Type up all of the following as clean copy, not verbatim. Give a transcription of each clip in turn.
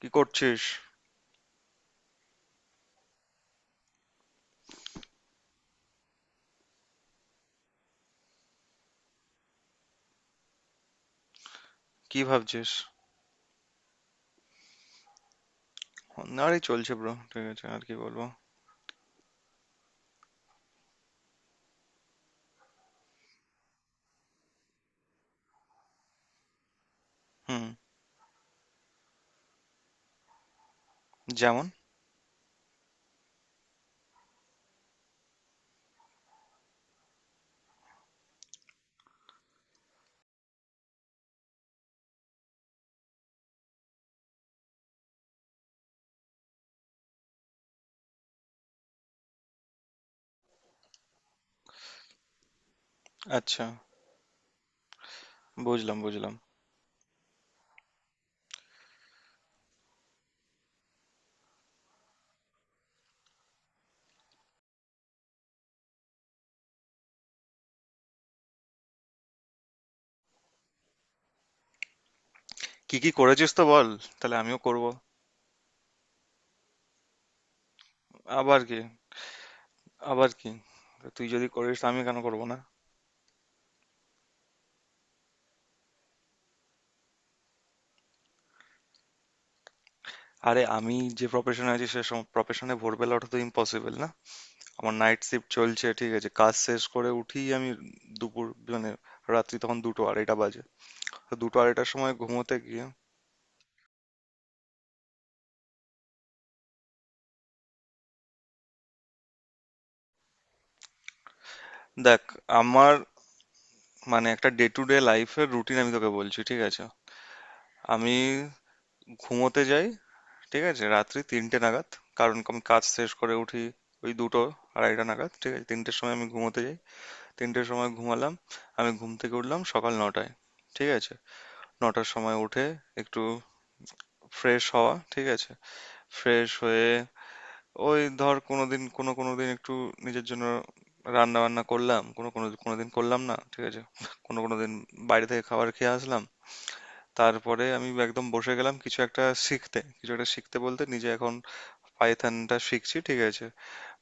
কি করছিস? কি ভাবছিস? আরে চলছে ব্রো, ঠিক আছে, আর কি বলবো। হুম। যেমন? আচ্ছা। বুঝলাম, বুঝলাম। কি কি করেছিস তো বল। তাহলে আমিও করব। আবার কি? আবার কি? তুই যদি করিস তো আমি কেন করব না? আরে, আমি যে প্রফেশনে আছি সে প্রফেশনে ভোরবেলা ওঠা তো ইম্পসিবল না। আমার নাইট শিফট চলছে, ঠিক আছে, কাজ শেষ করে উঠি আমি দুপুর মানে রাত্রি তখন দুটো আড়াইটা বাজে। তো দুটো আড়াইটার সময় ঘুমোতে গিয়ে, দেখ আমার মানে একটা ডে টু ডে লাইফের রুটিন আমি তোকে বলছি, ঠিক আছে। আমি ঘুমোতে যাই, ঠিক আছে, রাত্রি তিনটে নাগাদ। কারণ আমি কাজ শেষ করে উঠি ওই দুটো আড়াইটা নাগাদ, ঠিক আছে, তিনটের সময় আমি ঘুমোতে যাই। তিনটের সময় ঘুমালাম, আমি ঘুম থেকে উঠলাম সকাল নটায়, ঠিক আছে। নটার সময় উঠে একটু ফ্রেশ হওয়া, ঠিক আছে। ফ্রেশ হয়ে ওই ধর কোনো দিন, কোনো কোনো দিন একটু নিজের জন্য রান্না বান্না করলাম, কোনো কোনো কোনো দিন করলাম না, ঠিক আছে। কোনো কোনো দিন বাইরে থেকে খাবার খেয়ে আসলাম। তারপরে আমি একদম বসে গেলাম কিছু একটা শিখতে, কিছু একটা শিখতে বলতে নিজে এখন পাইথনটা শিখছি, ঠিক আছে।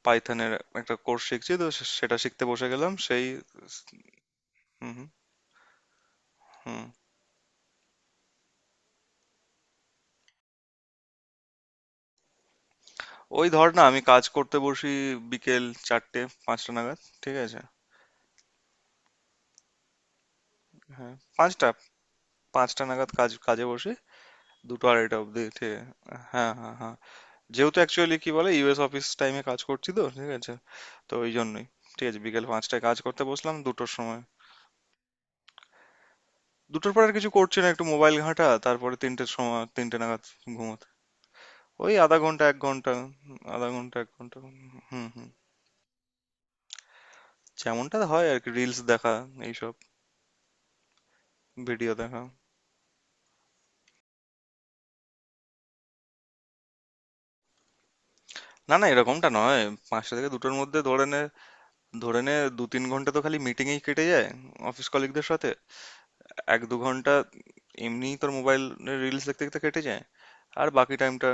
পাইথনের একটা কোর্স শিখছি, তো সেটা শিখতে বসে গেলাম সেই। হুম, হুম, হুম। ওই ধর না আমি কাজ করতে বসি বিকেল চারটে পাঁচটা নাগাদ, ঠিক আছে। হ্যাঁ, পাঁচটা, পাঁচটা নাগাদ কাজ কাজে বসি, দুটো আড়াইটা অবধি, ঠিক আছে। হ্যাঁ, হ্যাঁ, হ্যাঁ। যেহেতু অ্যাকচুয়ালি কি বলে ইউএস অফিস টাইমে কাজ করছি তো, ঠিক আছে। তো ওই জন্যই, ঠিক আছে, বিকেল পাঁচটায় কাজ করতে বসলাম দুটোর সময়। দুটোর পর আর কিছু করছি না, একটু মোবাইল ঘাঁটা, তারপরে তিনটের সময়, তিনটে নাগাদ ঘুমোতে। ওই আধা ঘন্টা এক ঘন্টা। আধা ঘন্টা এক ঘন্টা। হুম, হুম। যেমনটা হয় আর কি, রিলস দেখা এইসব, ভিডিও দেখা। না, না, এরকমটা নয়। পাঁচটা থেকে দুটোর মধ্যে ধরে নে। ধরে নে দু তিন ঘন্টা তো খালি মিটিংয়েই কেটে যায় অফিস কলিগদের সাথে। এক দু ঘন্টা এমনিই তোর মোবাইল রিলস দেখতে দেখতে কেটে যায়। আর বাকি টাইমটা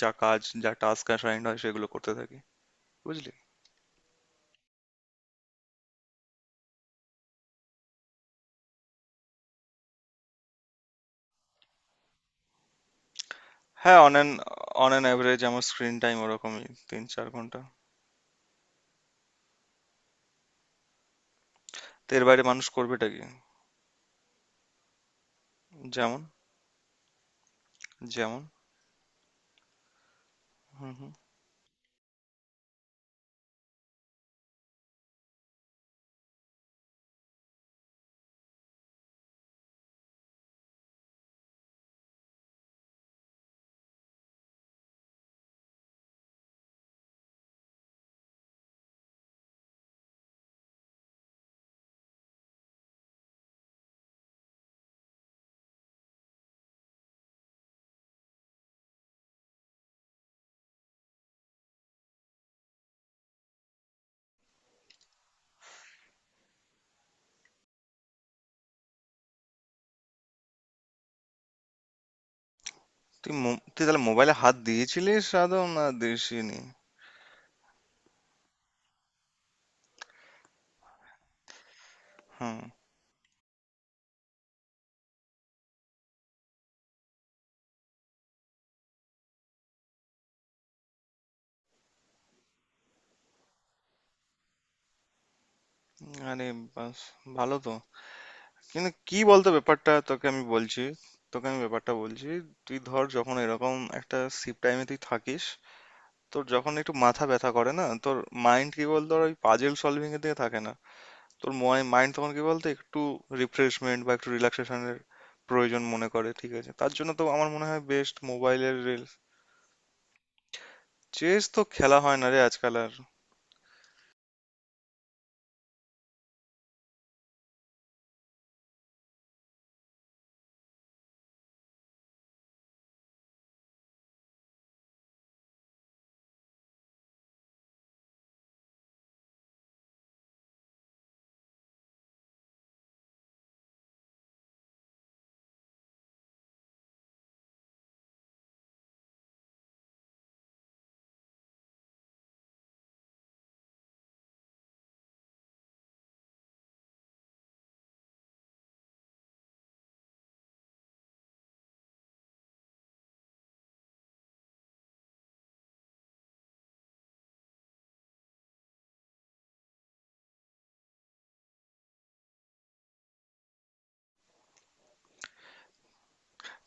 যা কাজ যা টাস্ক অ্যাসাইন্ড হয় সেগুলো করতে থাকি, বুঝলি। হ্যাঁ, অন অ্যান অ্যাভারেজ আমার স্ক্রিন টাইম ওরকমই তিন চার ঘন্টা। তো এর বাইরে মানুষ করবেটা কি? যেমন? যেমন? হুম, হুম। তুই তাহলে মোবাইলে হাত দিয়েছিলিস আদৌ না দিসনি? হুম। আরে বাস, ভালো তো। কিন্তু কি বলতো ব্যাপারটা, তোকে আমি ব্যাপারটা বলছি। তুই ধর যখন এরকম একটা শিফট টাইমে তুই থাকিস, তোর যখন একটু মাথা ব্যথা করে না, তোর মাইন্ড কি বলতো ওর ওই পাজেল সলভিং এর দিকে থাকে না। তোর মাইন্ড তখন কি বলতো একটু রিফ্রেশমেন্ট বা একটু রিল্যাক্সেশনের প্রয়োজন মনে করে, ঠিক আছে। তার জন্য তো আমার মনে হয় বেস্ট মোবাইলের রিলস। চেস তো খেলা হয় না রে আজকাল আর।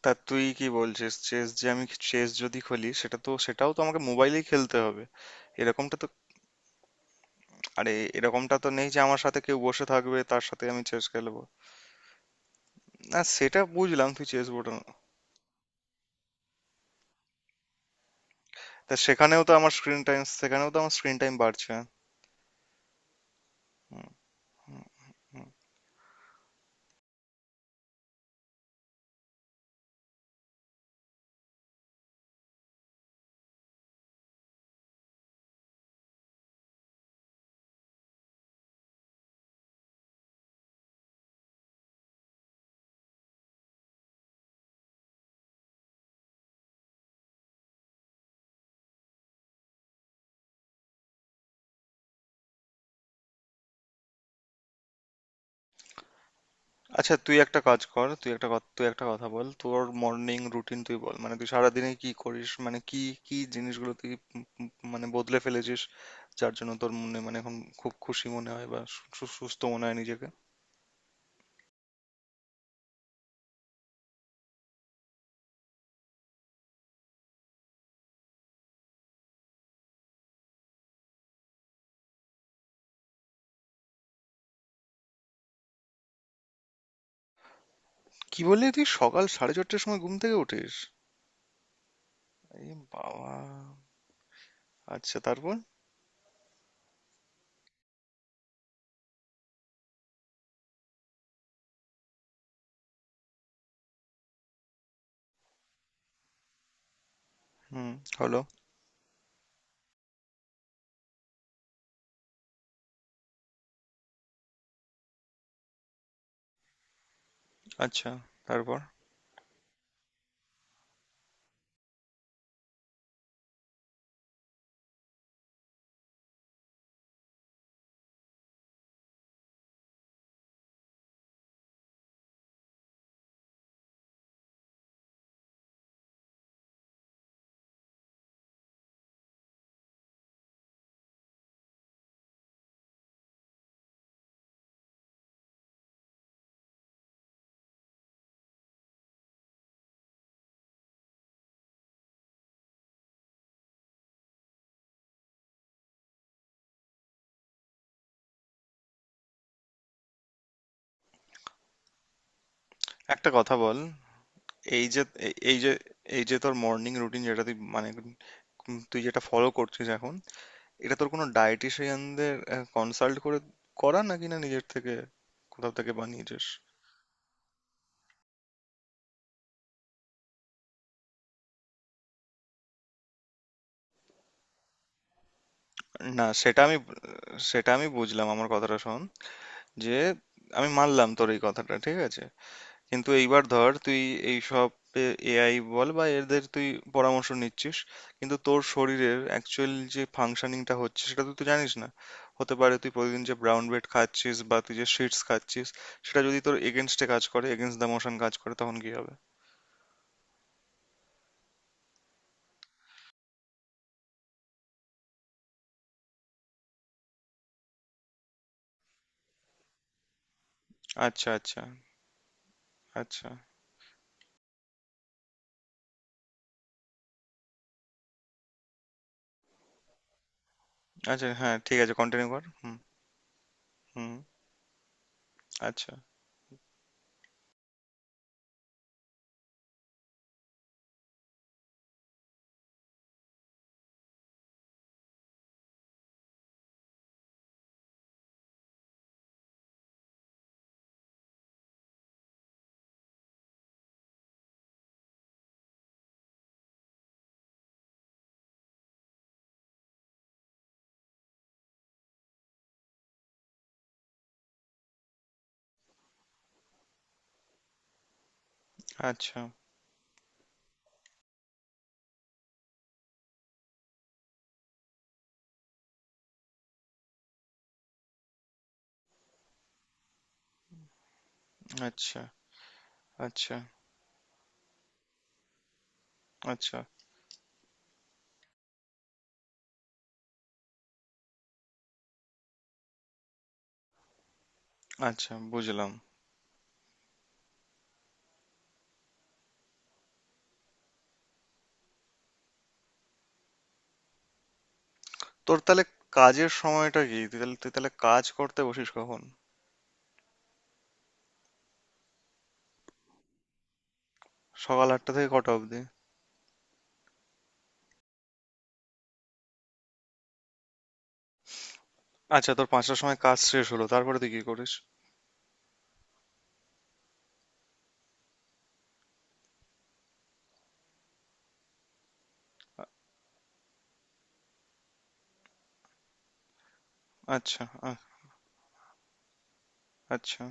তা তুই কি বলছিস, চেস যে আমি চেস যদি খেলি সেটা তো, সেটাও তো আমাকে মোবাইলেই খেলতে হবে, এরকমটা তো। আরে, এরকমটা তো নেই যে আমার সাথে কেউ বসে থাকবে তার সাথে আমি চেস খেলবো। না, সেটা বুঝলাম, তুই চেস বোর্ড। তা সেখানেও তো আমার স্ক্রিন টাইম, বাড়ছে। আচ্ছা, তুই একটা কাজ কর, তুই একটা তুই একটা কথা বল। তোর মর্নিং রুটিন তুই বল, মানে তুই সারাদিনে কি করিস, মানে কি কি জিনিসগুলো তুই উম উম মানে বদলে ফেলেছিস, যার জন্য তোর মনে মানে এখন খুব খুশি মনে হয় বা সু- সু- সুস্থ মনে হয় নিজেকে। কি বললি তুই? সকাল সাড়ে চারটের সময় ঘুম থেকে উঠিস? এই বাবা। আচ্ছা, তারপর? হুম। হলো। আচ্ছা, তারপর। একটা কথা বল, এই যে এই যে এই যে তোর মর্নিং রুটিন যেটা তুই মানে তুই যেটা ফলো করছিস এখন, এটা তোর কোনো ডায়েটিশিয়ানদের কনসাল্ট করে করা নাকি না নিজের থেকে কোথাও থেকে বানিয়েছিস? না, সেটা আমি বুঝলাম, আমার কথাটা শোন। যে আমি মানলাম তোর এই কথাটা, ঠিক আছে। কিন্তু এইবার ধর তুই এই সব এআই বল বা এদের, তুই পরামর্শ নিচ্ছিস। কিন্তু তোর শরীরের অ্যাকচুয়াল যে ফাংশনিংটা হচ্ছে সেটা তো তুই জানিস না। হতে পারে তুই প্রতিদিন যে ব্রাউন ব্রেড খাচ্ছিস বা তুই যে শিটস খাচ্ছিস সেটা যদি তোর এগেনস্টে কাজ করে, এগেনস্ট দ্য মোশন কাজ করে, তখন কি হবে? আচ্ছা, আচ্ছা। আচ্ছা। আচ্ছা হ্যাঁ, ঠিক আছে, কন্টিনিউ কর। হুম। হুম। আচ্ছা। আচ্ছা। আচ্ছা। আচ্ছা। আচ্ছা। আচ্ছা বুঝলাম। তোর তাহলে কাজের সময়টা কি? তুই তাহলে কাজ করতে বসিস কখন? সকাল আটটা থেকে কটা অবধি? আচ্ছা, তোর পাঁচটার সময় কাজ শেষ হলো, তারপরে তুই কি করিস? আচ্ছা। আহ। আচ্ছা,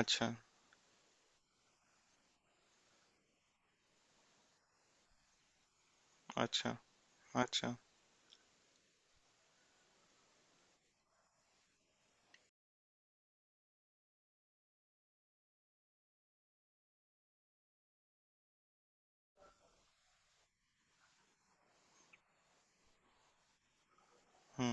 আচ্ছা, আচ্ছা, আচ্ছা, হুম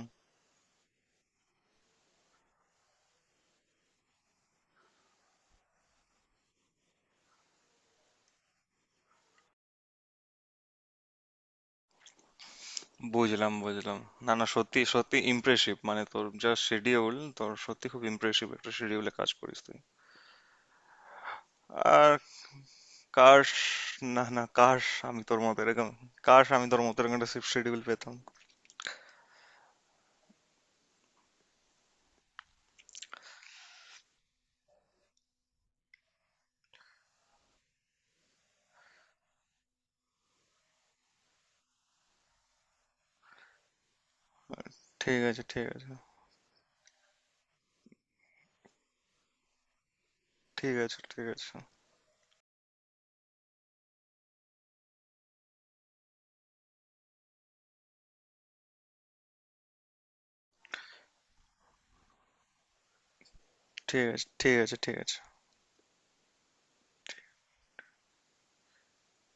বুঝলাম, বুঝলাম। না, না, সত্যি সত্যি ইমপ্রেসিভ, মানে তোর যা শিডিউল, তোর সত্যি খুব ইমপ্রেসিভ একটা শিডিউলে কাজ করিস তুই। আর কাশ। না, না, কাশ, আমি তোর মতো এরকম। কাশ আমি তোর মতো এরকম একটা শিফট শিডিউল পেতাম। ঠিক আছে, ঠিক আছে, ঠিক আছে, ঠিক আছে, ঠিক আছে, ঠিক আছে, ঠিক আছে।